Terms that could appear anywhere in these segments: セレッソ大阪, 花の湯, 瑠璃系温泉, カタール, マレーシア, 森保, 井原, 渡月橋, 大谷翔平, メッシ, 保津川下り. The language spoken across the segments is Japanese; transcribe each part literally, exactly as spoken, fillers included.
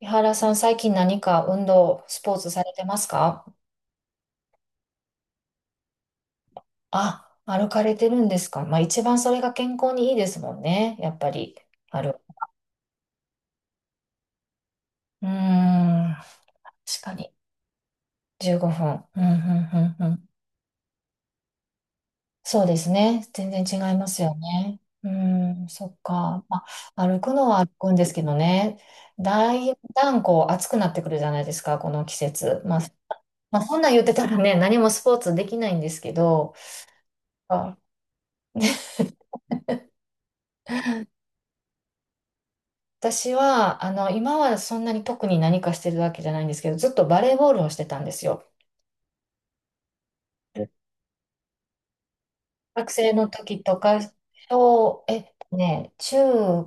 井原さん、最近何か運動、スポーツされてますか？あ、歩かれてるんですか？まあ一番それが健康にいいですもんね。やっぱり、ある。うーん、確かに。じゅうごふん。うん、うん、うん、うん。そうですね。全然違いますよね。うーん、そっか。まあ、歩くのは歩くんですけどね。だいだんこう暑くなってくるじゃないですか、この季節。まあ、まあ、そんなん言ってたらね、何もスポーツできないんですけど、あ 私は、あの、今はそんなに特に何かしてるわけじゃないんですけど、ずっとバレーボールをしてたんですよ。学生の時とか、小、えっとね、中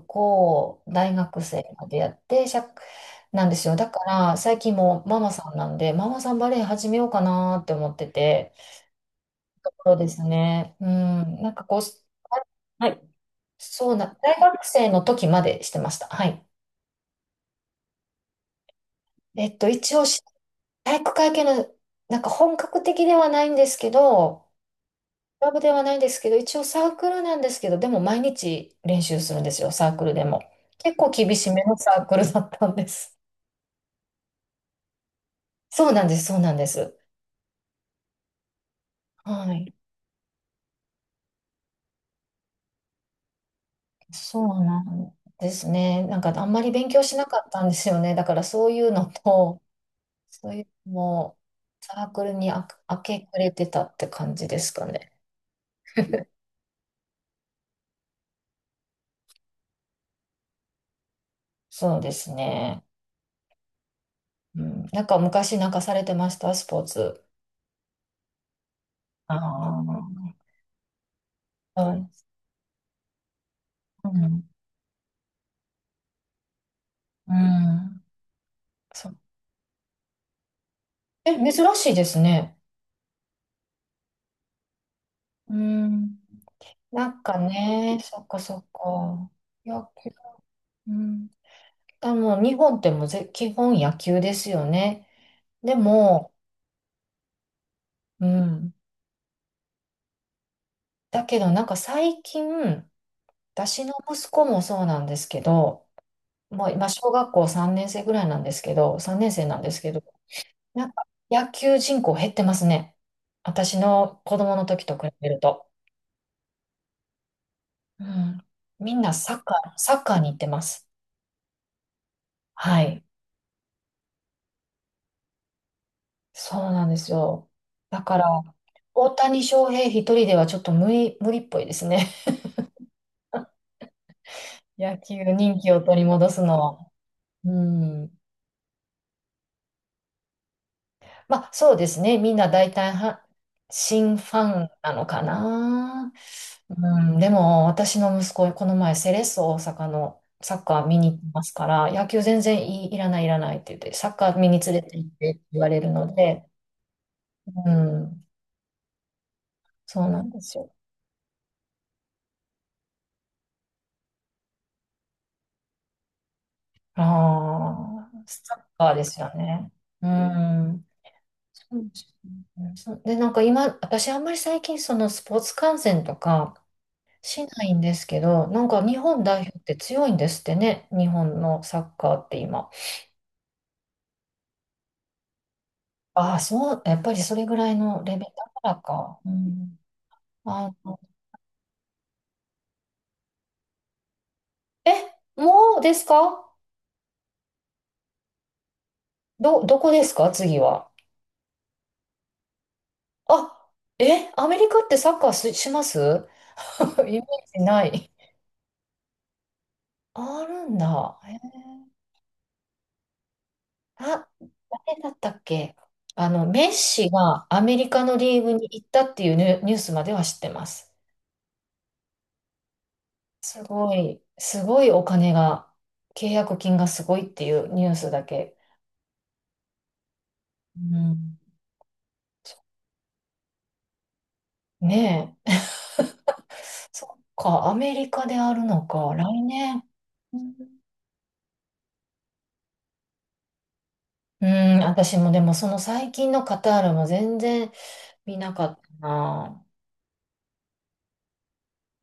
高大学生までやって、しゃ、なんですよ。だから、最近もママさんなんで、ママさんバレー始めようかなって思ってて、ところですね。うん、なんかこう、はい、そうな、大学生の時までしてました。はい。えっと、一応し、体育会系の、なんか本格的ではないんですけど、クラブではないんですけど、一応サークルなんですけど、でも毎日練習するんですよ、サークルでも。結構厳しめのサークルだったんです。そうなんです、そうなんです。はい。そうなんですね。なんかあんまり勉強しなかったんですよね。だからそういうのと、そういうのも、サークルにあ明け暮れてたって感じですかね。そうですね。うん、なんか昔なんかされてました、スポーツ。ああ、はい。うん、うん、そう。え、珍しいですね。うん、なんかね、そっかそっか。野球、うん。あ、もう日本ってもうぜ基本野球ですよね。でも、うん。だけどなんか最近、私の息子もそうなんですけど、もう今小学校さん生ぐらいなんですけど、さん生なんですけど、なんか野球人口減ってますね。私の子供の時と比べると。うん。みんなサッカー、サッカーに行ってます。はい。そうなんですよ。だから、大谷翔平一人ではちょっと無理、無理っぽいですね。野球人気を取り戻すのは。うん。まあ、そうですね。みんな大体は、新ファンなのかな。うん、でも、私の息子、この前、セレッソ大阪のサッカー見に行きますから、野球全然いい、いらない、いらないって言って、サッカー見に連れて行ってって言われるので、うん、そうなんですよ。ああ、サッカーですよね。うん。そうですね。そうで、なんか今、私あんまり最近、そのスポーツ観戦とか、しないんですけど、なんか日本代表って強いんですってね、日本のサッカーって今。ああ、そう、やっぱりそれぐらいのレベルだからか。うん、あの、え、もうですか？ど、どこですか次は。あ、え、アメリカってサッカーし、します イメージない。あるんだ。えあ、誰だったっけ？あの、メッシがアメリカのリーグに行ったっていうニュニュースまでは知ってます。すごい、すごいお金が、契約金がすごいっていうニュースだけ。うん。ねえ。そっか、アメリカであるのか、来年。うんうん、私もでもその最近のカタールも全然見なかったな。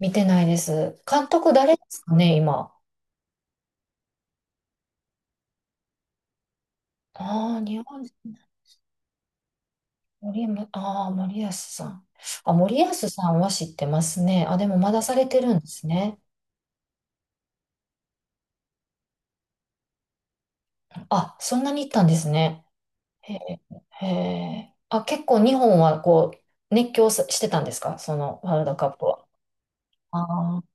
見てないです。監督誰ですかね、今。ああ、日本人。森山、ああ、森保さん。あ、森保さんは知ってますね。あ、でもまだされてるんですね。あ、そんなに行ったんですね。へえ、へえ。あ、結構日本はこう、熱狂さしてたんですか？そのワールドカップは。あー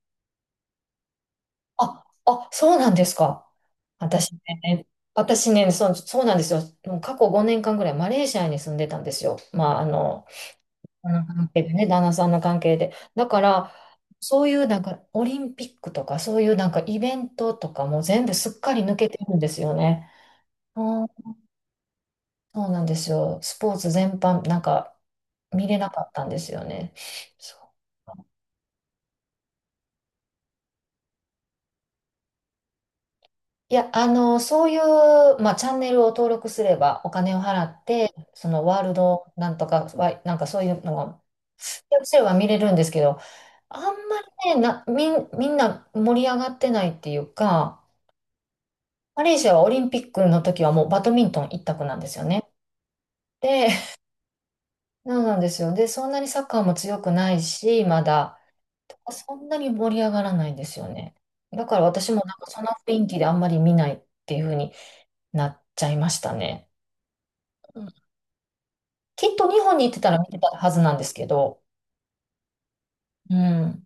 あ、あ、そうなんですか。私ね、私ね、そう、そうなんですよ。もう過去ごねんかんぐらいマレーシアに住んでたんですよ。まあ、あの、あの関係でね、旦那さんの関係で。だから、そういうなんかオリンピックとか、そういうなんかイベントとかも全部すっかり抜けてるんですよね。そうなんですよ。スポーツ全般、なんか、見れなかったんですよね。そういや、あの、そういう、まあ、チャンネルを登録すれば、お金を払って、そのワールドなんとか、わなんかそういうのが、やすれば見れるんですけど、あんまりね、な、みん、みんな盛り上がってないっていうか、マレーシアはオリンピックの時はもうバドミントン一択なんですよね。で、そうなんですよ。で、そんなにサッカーも強くないし、まだ。そんなに盛り上がらないんですよね。だから私もなんかその雰囲気であんまり見ないっていう風になっちゃいましたね。うん、きっと日本に行ってたら見てたはずなんですけど。うん。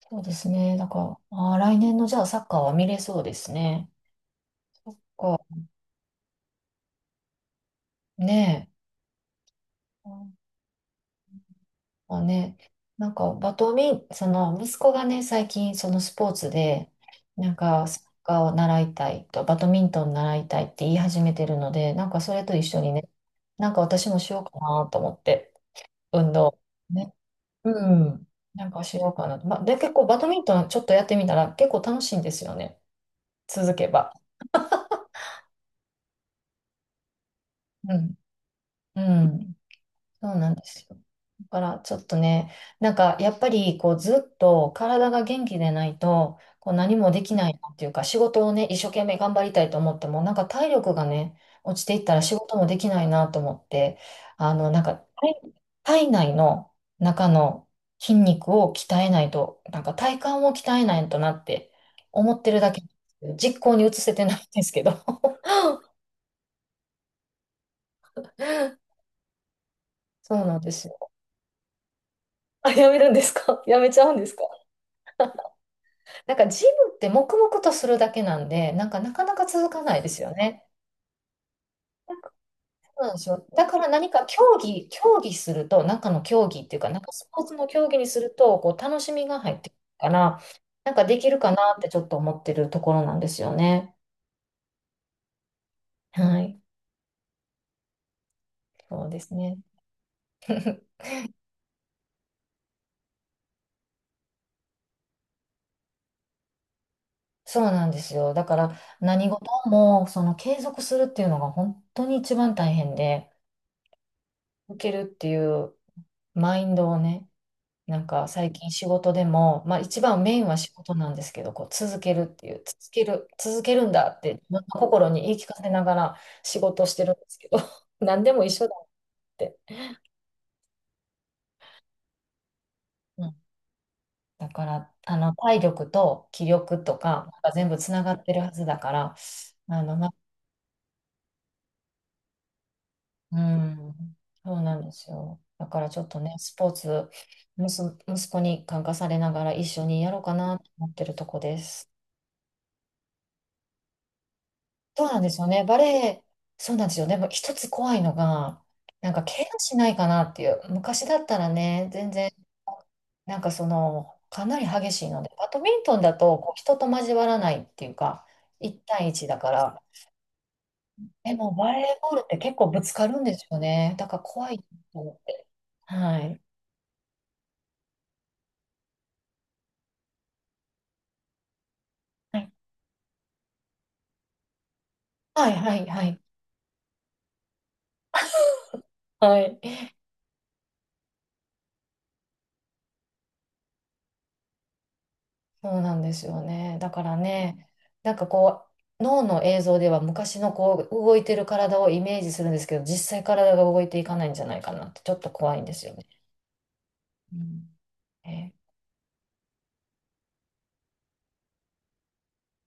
そうですね。だから、あー、来年のじゃあサッカーは見れそうですね。そっか。ねえ。もうね、なんかバドミン、その息子がね、最近そのスポーツで、なんかサッカーを習いたいと、バドミントン習いたいって言い始めてるので、なんかそれと一緒にね、なんか私もしようかなと思って、運動。ね。うん。なんかしようかなと。まあ、で、結構バドミントンちょっとやってみたら結構楽しいんですよね。続けば。うん。うん。そうなんですよ。だからちょっとね、なんかやっぱりこうずっと体が元気でないとこう何もできないなっていうか仕事をね、一生懸命頑張りたいと思ってもなんか体力がね、落ちていったら仕事もできないなと思って、あのなんか体体内の中の筋肉を鍛えないと、なんか体幹を鍛えないとなって思ってるだけ、実行に移せてないんですけど。そうなんですよ。あ、やめるんですか？ やめちゃうんですか？なんかジムって黙々とするだけなんで、なんかなかなか続かないですよね。そうなんですよ。だから何か競技、競技すると、中の競技っていうか、なんかスポーツの競技にすると、こう楽しみが入ってくるから、なんかできるかなってちょっと思ってるところなんですよね。はい。そうですね。そうなんですよ。だから何事もその継続するっていうのが本当に一番大変で、受けるっていうマインドをね、なんか最近仕事でも、まあ一番メインは仕事なんですけど、こう続けるっていう、続ける、続けるんだって自分の心に言い聞かせながら仕事してるんですけど、何でも一緒だって。うん。だから、あの、体力と気力とか、なんか全部つながってるはずだから、あの、な、うん、そうなんですよ。だからちょっとね、スポーツ、息息子に感化されながら一緒にやろうかなと思ってるとこです。そうなんですよね。バレエ、そうなんですよね。でも一つ怖いのが、なんか怪我しないかなっていう。昔だったらね、全然、なんかその、かなり激しいので、バドミントンだとこう人と交わらないっていうか、いち対いちだから、でもバレーボールって結構ぶつかるんですよね。だから怖いと思って。はい。はい、はい、はい、はい。はい。そうなんですよね。だからね、なんかこう、脳の映像では昔のこう、動いてる体をイメージするんですけど、実際体が動いていかないんじゃないかなって、ちょっと怖いんですよね。うん。えー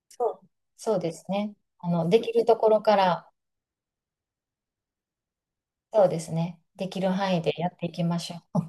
そうそうですね。あの、できるところから、そうですね。できる範囲でやっていきましょう。